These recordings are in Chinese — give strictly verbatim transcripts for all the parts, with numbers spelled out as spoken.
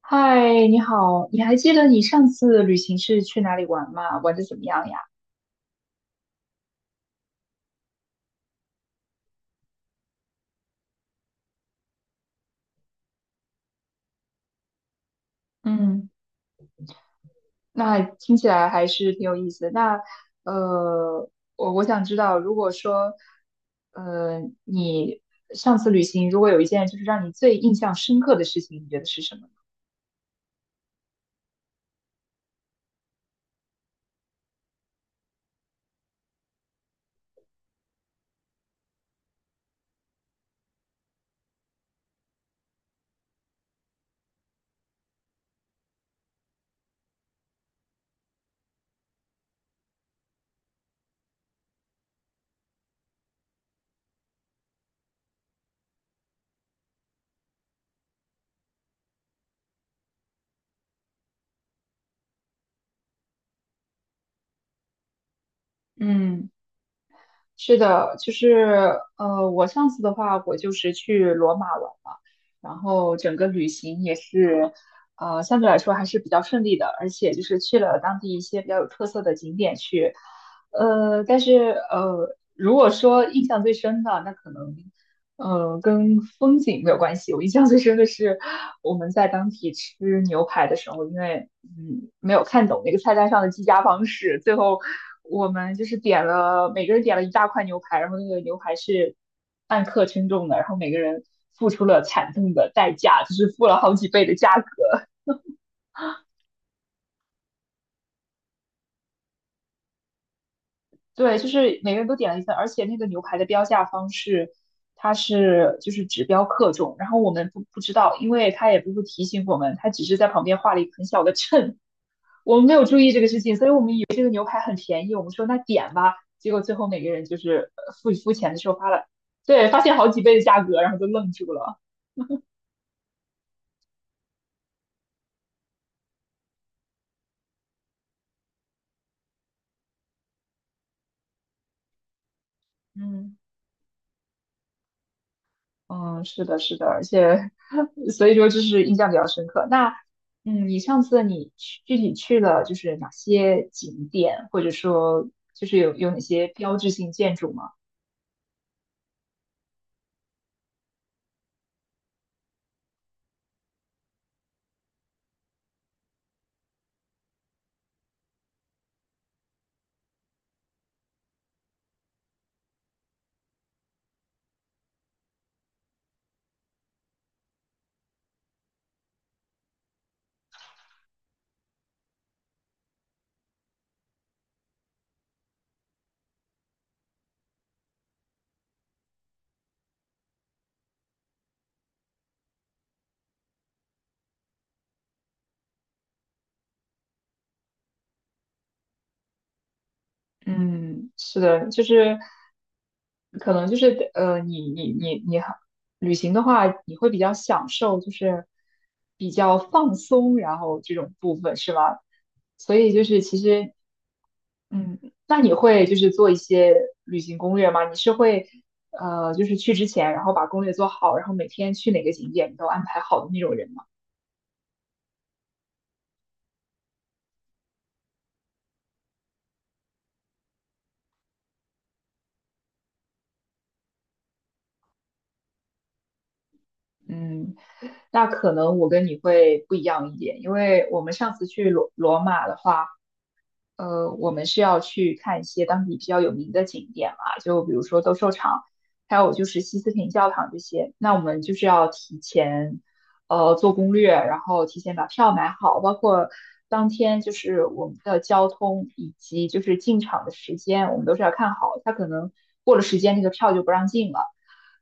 嗨，你好，你还记得你上次旅行是去哪里玩吗？玩的怎么样呀？嗯，那听起来还是挺有意思的。那呃，我我想知道，如果说呃你上次旅行，如果有一件就是让你最印象深刻的事情，你觉得是什么呢？是的，就是呃，我上次的话，我就是去罗马玩嘛，然后整个旅行也是，呃，相对来说还是比较顺利的，而且就是去了当地一些比较有特色的景点去，呃，但是呃，如果说印象最深的，那可能，呃，跟风景没有关系，我印象最深的是我们在当地吃牛排的时候，因为嗯，没有看懂那个菜单上的计价方式。最后我们就是点了，每个人点了一大块牛排，然后那个牛排是按克称重的，然后每个人付出了惨痛的代价，就是付了好几倍的价格。对，就是每个人都点了一份，而且那个牛排的标价方式，它是就是只标克重，然后我们不不知道，因为他也不会提醒我们，他只是在旁边画了一个很小的秤，我们没有注意这个事情，所以我们以为这个牛排很便宜，我们说那点吧，结果最后每个人就是呃付付钱的时候发了，对，发现好几倍的价格，然后就愣住了。嗯嗯，是的，是的，而且 所以说就是印象比较深刻。那嗯，你上次你去具体去了就是哪些景点，或者说就是有有哪些标志性建筑吗？嗯，是的，就是可能就是呃，你你你你好旅行的话，你会比较享受，就是比较放松，然后这种部分是吗？所以就是其实，嗯，那你会就是做一些旅行攻略吗？你是会呃，就是去之前，然后把攻略做好，然后每天去哪个景点你都安排好的那种人吗？嗯，那可能我跟你会不一样一点，因为我们上次去罗罗马的话。呃，我们是要去看一些当地比较有名的景点嘛，就比如说斗兽场，还有就是西斯廷教堂这些。那我们就是要提前，呃，做攻略，然后提前把票买好，包括当天就是我们的交通以及就是进场的时间，我们都是要看好。它可能过了时间，那个票就不让进了。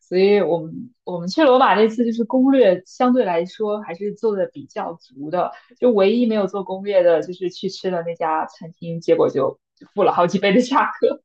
所以我们我们去罗马这次就是攻略相对来说还是做的比较足的。就唯一没有做攻略的，就是去吃了那家餐厅，结果就付了好几倍的价格。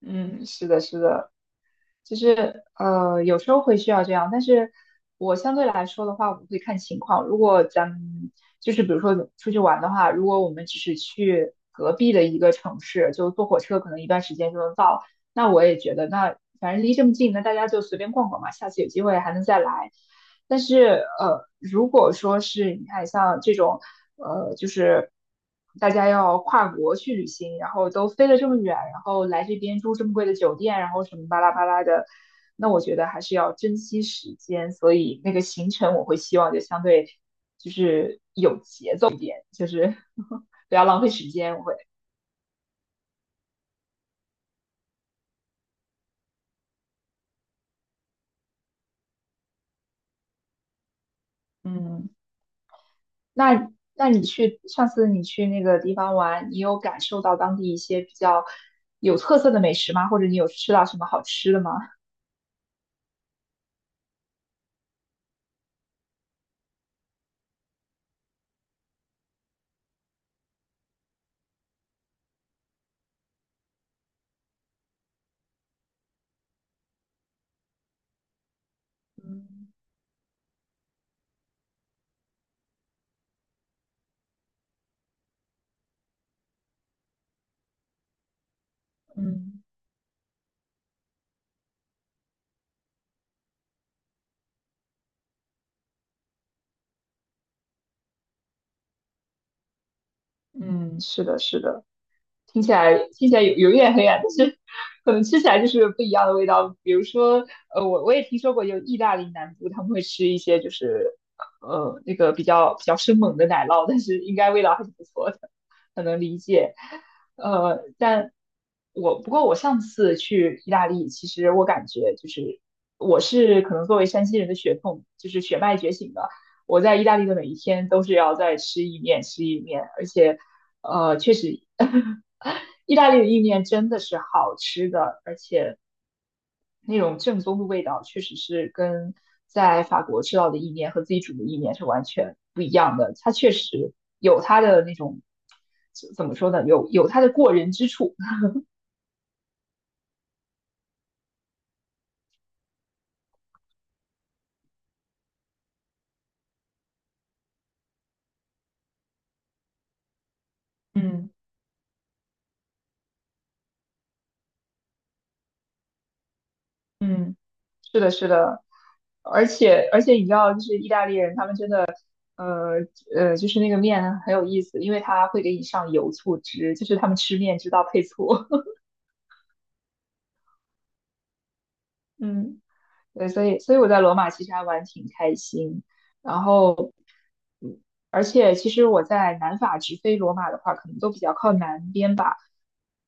嗯，是的，是的，就是呃，有时候会需要这样，但是我相对来说的话，我会看情况。如果咱们就是比如说出去玩的话，如果我们只是去隔壁的一个城市，就坐火车可能一段时间就能到。那我也觉得，那反正离这么近，那大家就随便逛逛嘛，下次有机会还能再来。但是呃，如果说是你看像这种，呃，就是大家要跨国去旅行，然后都飞了这么远，然后来这边住这么贵的酒店，然后什么巴拉巴拉的，那我觉得还是要珍惜时间。所以那个行程我会希望就相对就是有，就是 不要浪费时间，我会。嗯。那那你去上次你去那个地方玩，你有感受到当地一些比较有特色的美食吗？或者你有吃到什么好吃的吗？嗯嗯嗯，是的，是的。听起来听起来有有一点黑暗，但是可能吃起来就是不一样的味道。比如说，呃，我我也听说过有意大利南部他们会吃一些就是呃那个比较比较生猛的奶酪，但是应该味道还是不错的，可能理解。呃，但我不过我上次去意大利，其实我感觉就是我是可能作为山西人的血统就是血脉觉醒的，我在意大利的每一天都是要在吃意面吃意面，而且。呃，确实 意大利的意面真的是好吃的，而且那种正宗的味道，确实是跟在法国吃到的意面和自己煮的意面是完全不一样的。它确实有它的那种，怎怎么说呢？有有它的过人之处。嗯 嗯，是的，是的，而且而且你知道，就是意大利人他们真的，呃呃，就是那个面很有意思，因为他会给你上油醋汁，就是他们吃面知道配醋。嗯。对，所以所以我在罗马其实还玩挺开心。然后，嗯，而且其实我在南法直飞罗马的话，可能都比较靠南边吧。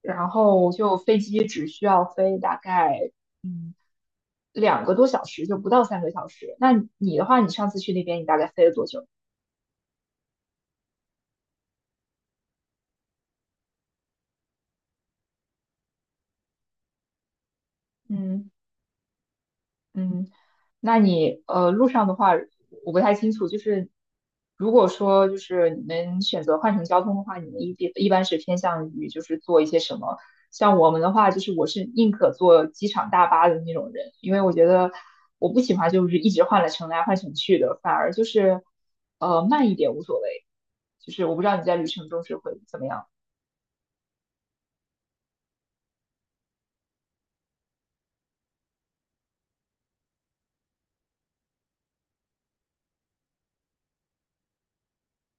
然后就飞机只需要飞大概嗯两个多小时，就不到三个小时。那你的话，你上次去那边你大概飞了多久？嗯，嗯，那你呃路上的话，我不太清楚，就是如果说就是你们选择换乘交通的话，你们一一般是偏向于就是做一些什么？像我们的话，就是我是宁可坐机场大巴的那种人，因为我觉得我不喜欢就是一直换来乘来换乘去的，反而就是呃慢一点无所谓。就是我不知道你在旅程中是会怎么样。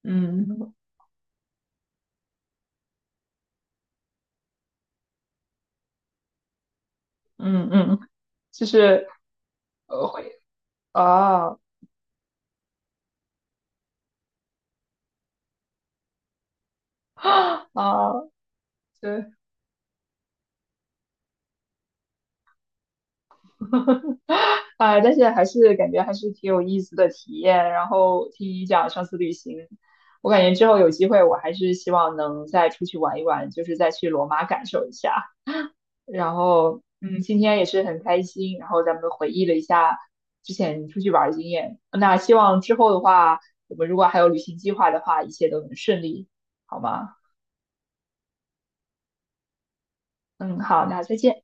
嗯嗯嗯，就是呃会啊 啊，对。啊，但是还是感觉还是挺有意思的体验。然后听你讲上次旅行，我感觉之后有机会，我还是希望能再出去玩一玩，就是再去罗马感受一下。然后，嗯，今天也是很开心，然后咱们回忆了一下之前出去玩的经验。那希望之后的话，我们如果还有旅行计划的话，一切都能顺利，好吗？嗯，好，那再见。